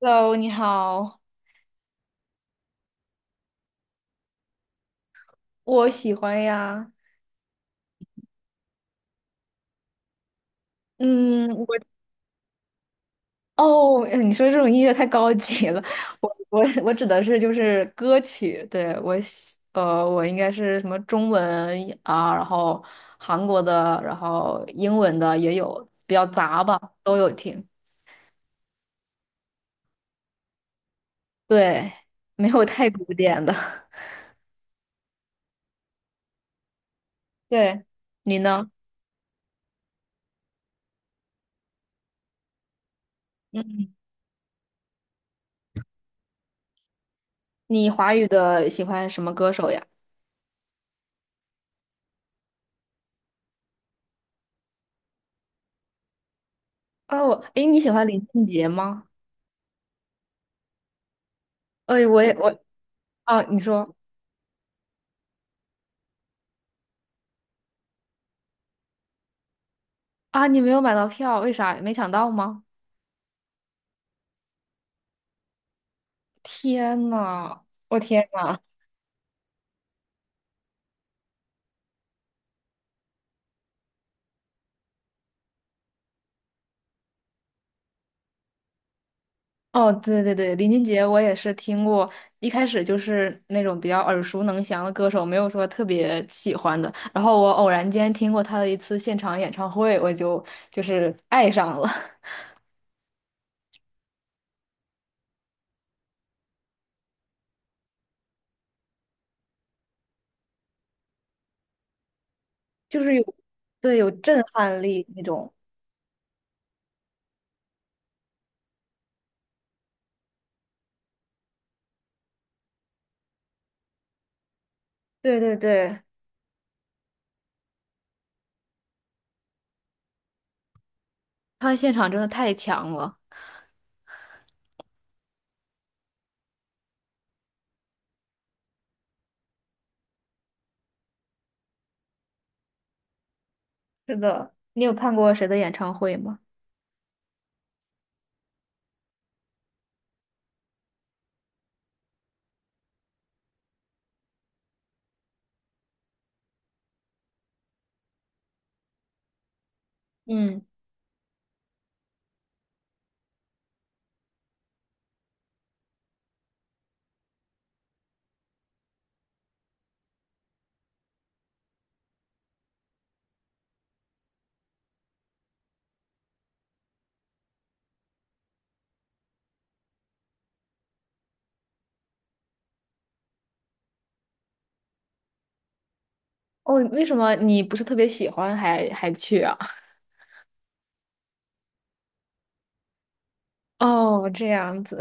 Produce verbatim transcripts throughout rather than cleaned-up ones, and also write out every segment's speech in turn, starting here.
Hello，你好，我喜欢呀。嗯，我哦，哎你说这种音乐太高级了。我我我指的是就是歌曲，对，我喜呃，我应该是什么中文啊，然后韩国的，然后英文的也有，比较杂吧，都有听。对，没有太古典的。对，你呢？嗯，你华语的喜欢什么歌手呀？哦，诶，你喜欢林俊杰吗？哎，我也我哦，你说。啊，你没有买到票，为啥？没抢到吗？天呐，我天呐！哦，对对对，林俊杰我也是听过，一开始就是那种比较耳熟能详的歌手，没有说特别喜欢的。然后我偶然间听过他的一次现场演唱会，我就就是爱上了。就是有，对，有震撼力那种。对对对，他现场真的太强了。是的，你有看过谁的演唱会吗？嗯，哦，为什么你不是特别喜欢还还去啊？哦，这样子。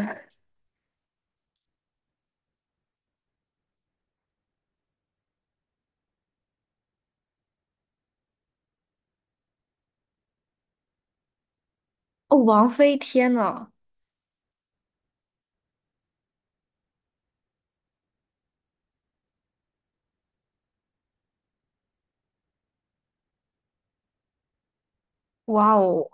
哦，王菲，天呐，哇哦！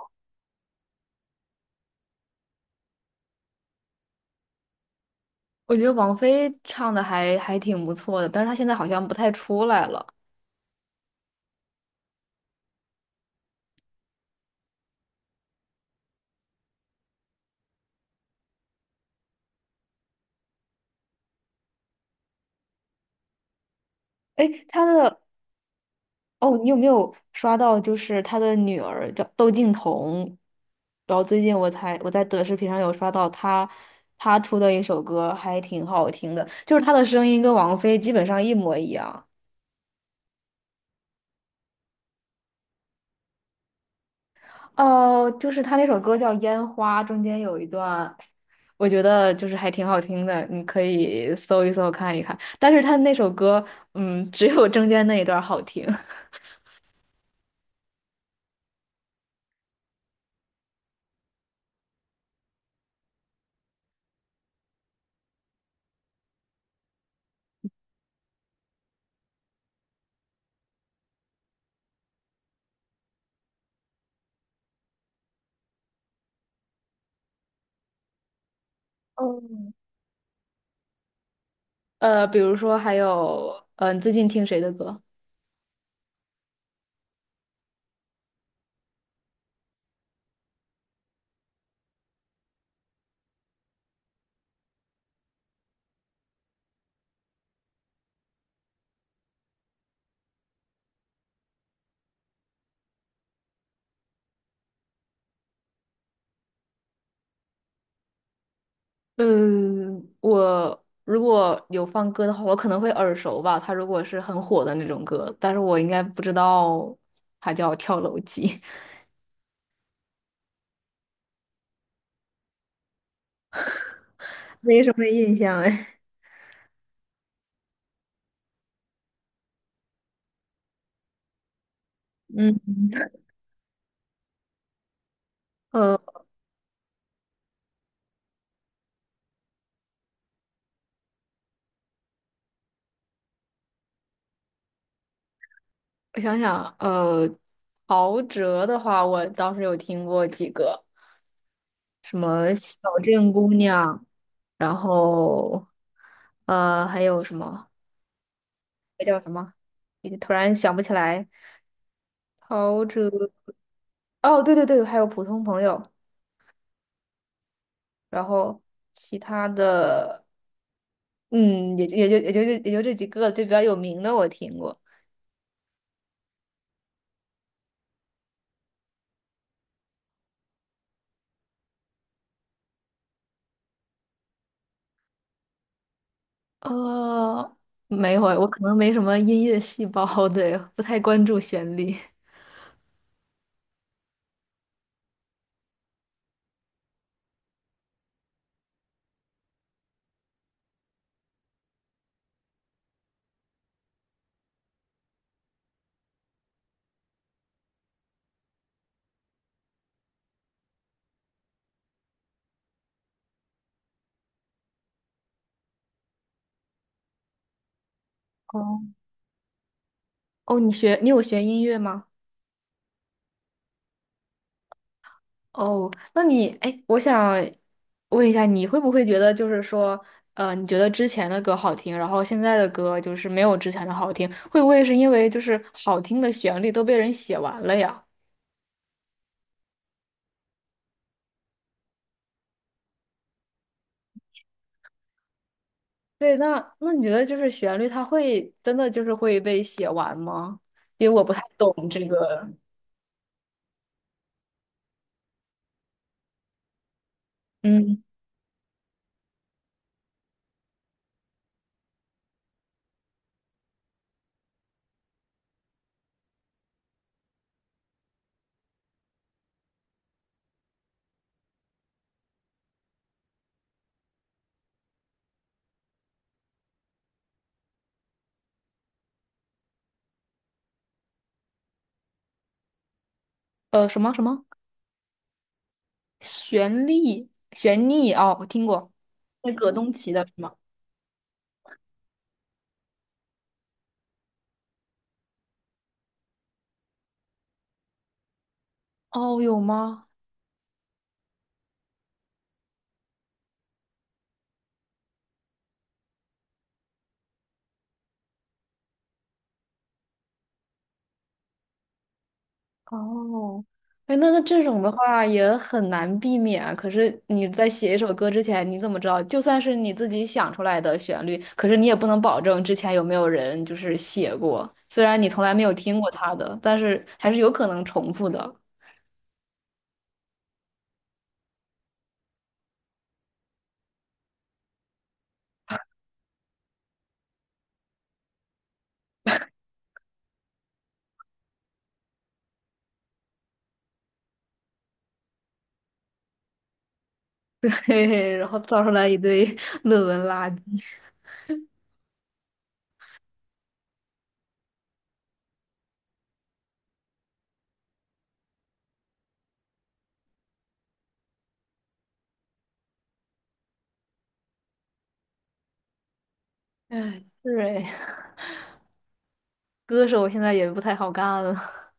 我觉得王菲唱的还还挺不错的，但是她现在好像不太出来了。哎，她的哦，你有没有刷到？就是她的女儿叫窦靖童，然后最近我才我在短视频上有刷到她，她出的一首歌还挺好听的，就是她的声音跟王菲基本上一模一样。哦，就是她那首歌叫《烟花》，中间有一段。我觉得就是还挺好听的，你可以搜一搜看一看。但是他那首歌，嗯，只有中间那一段儿好听。嗯呃，比如说还有，嗯、你最近听谁的歌？嗯，我如果有放歌的话，我可能会耳熟吧。他如果是很火的那种歌，但是我应该不知道他叫《跳楼机》。没什么印象哎。嗯，呃，我想想，呃，陶喆的话，我倒是有听过几个。什么小镇姑娘，然后呃还有什么那叫什么？也突然想不起来。陶喆哦，对对对，还有普通朋友，然后其他的嗯，也就也就也就这也就这几个就比较有名的我听过。呃，没有，我可能没什么音乐细胞，对，不太关注旋律。哦哦，你学你有学音乐吗？哦，那你，哎，我想问一下，你会不会觉得就是说，呃，你觉得之前的歌好听，然后现在的歌就是没有之前的好听，会不会是因为就是好听的旋律都被人写完了呀？对，那那你觉得就是旋律它会真的就是会被写完吗？因为我不太懂这个，嗯，呃，什么什么旋律旋律哦，我听过，那葛东琪的是吗？哦，有吗？哦，哎，那那这种的话也很难避免啊可是你在写一首歌之前，你怎么知道？就算是你自己想出来的旋律，可是你也不能保证之前有没有人就是写过。虽然你从来没有听过他的，但是还是有可能重复的。嘿嘿，然后造出来一堆 论文垃圾。哎，是哎，歌手现在也不太好干了。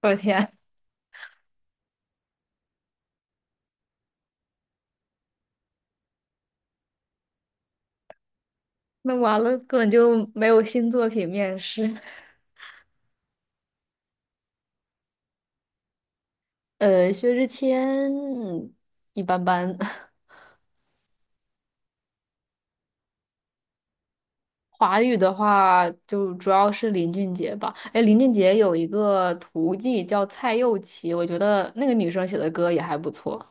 我的天，那完了，根本就没有新作品面世。呃，薛之谦嗯一般般。华语的话，就主要是林俊杰吧。哎，林俊杰有一个徒弟叫蔡佑琪，我觉得那个女生写的歌也还不错。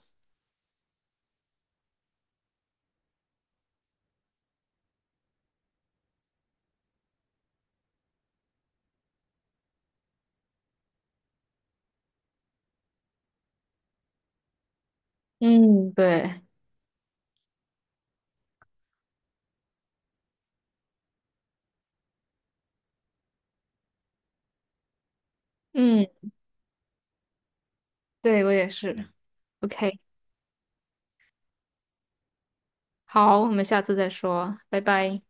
嗯，对，嗯，对，我也是。OK,好，我们下次再说，拜拜。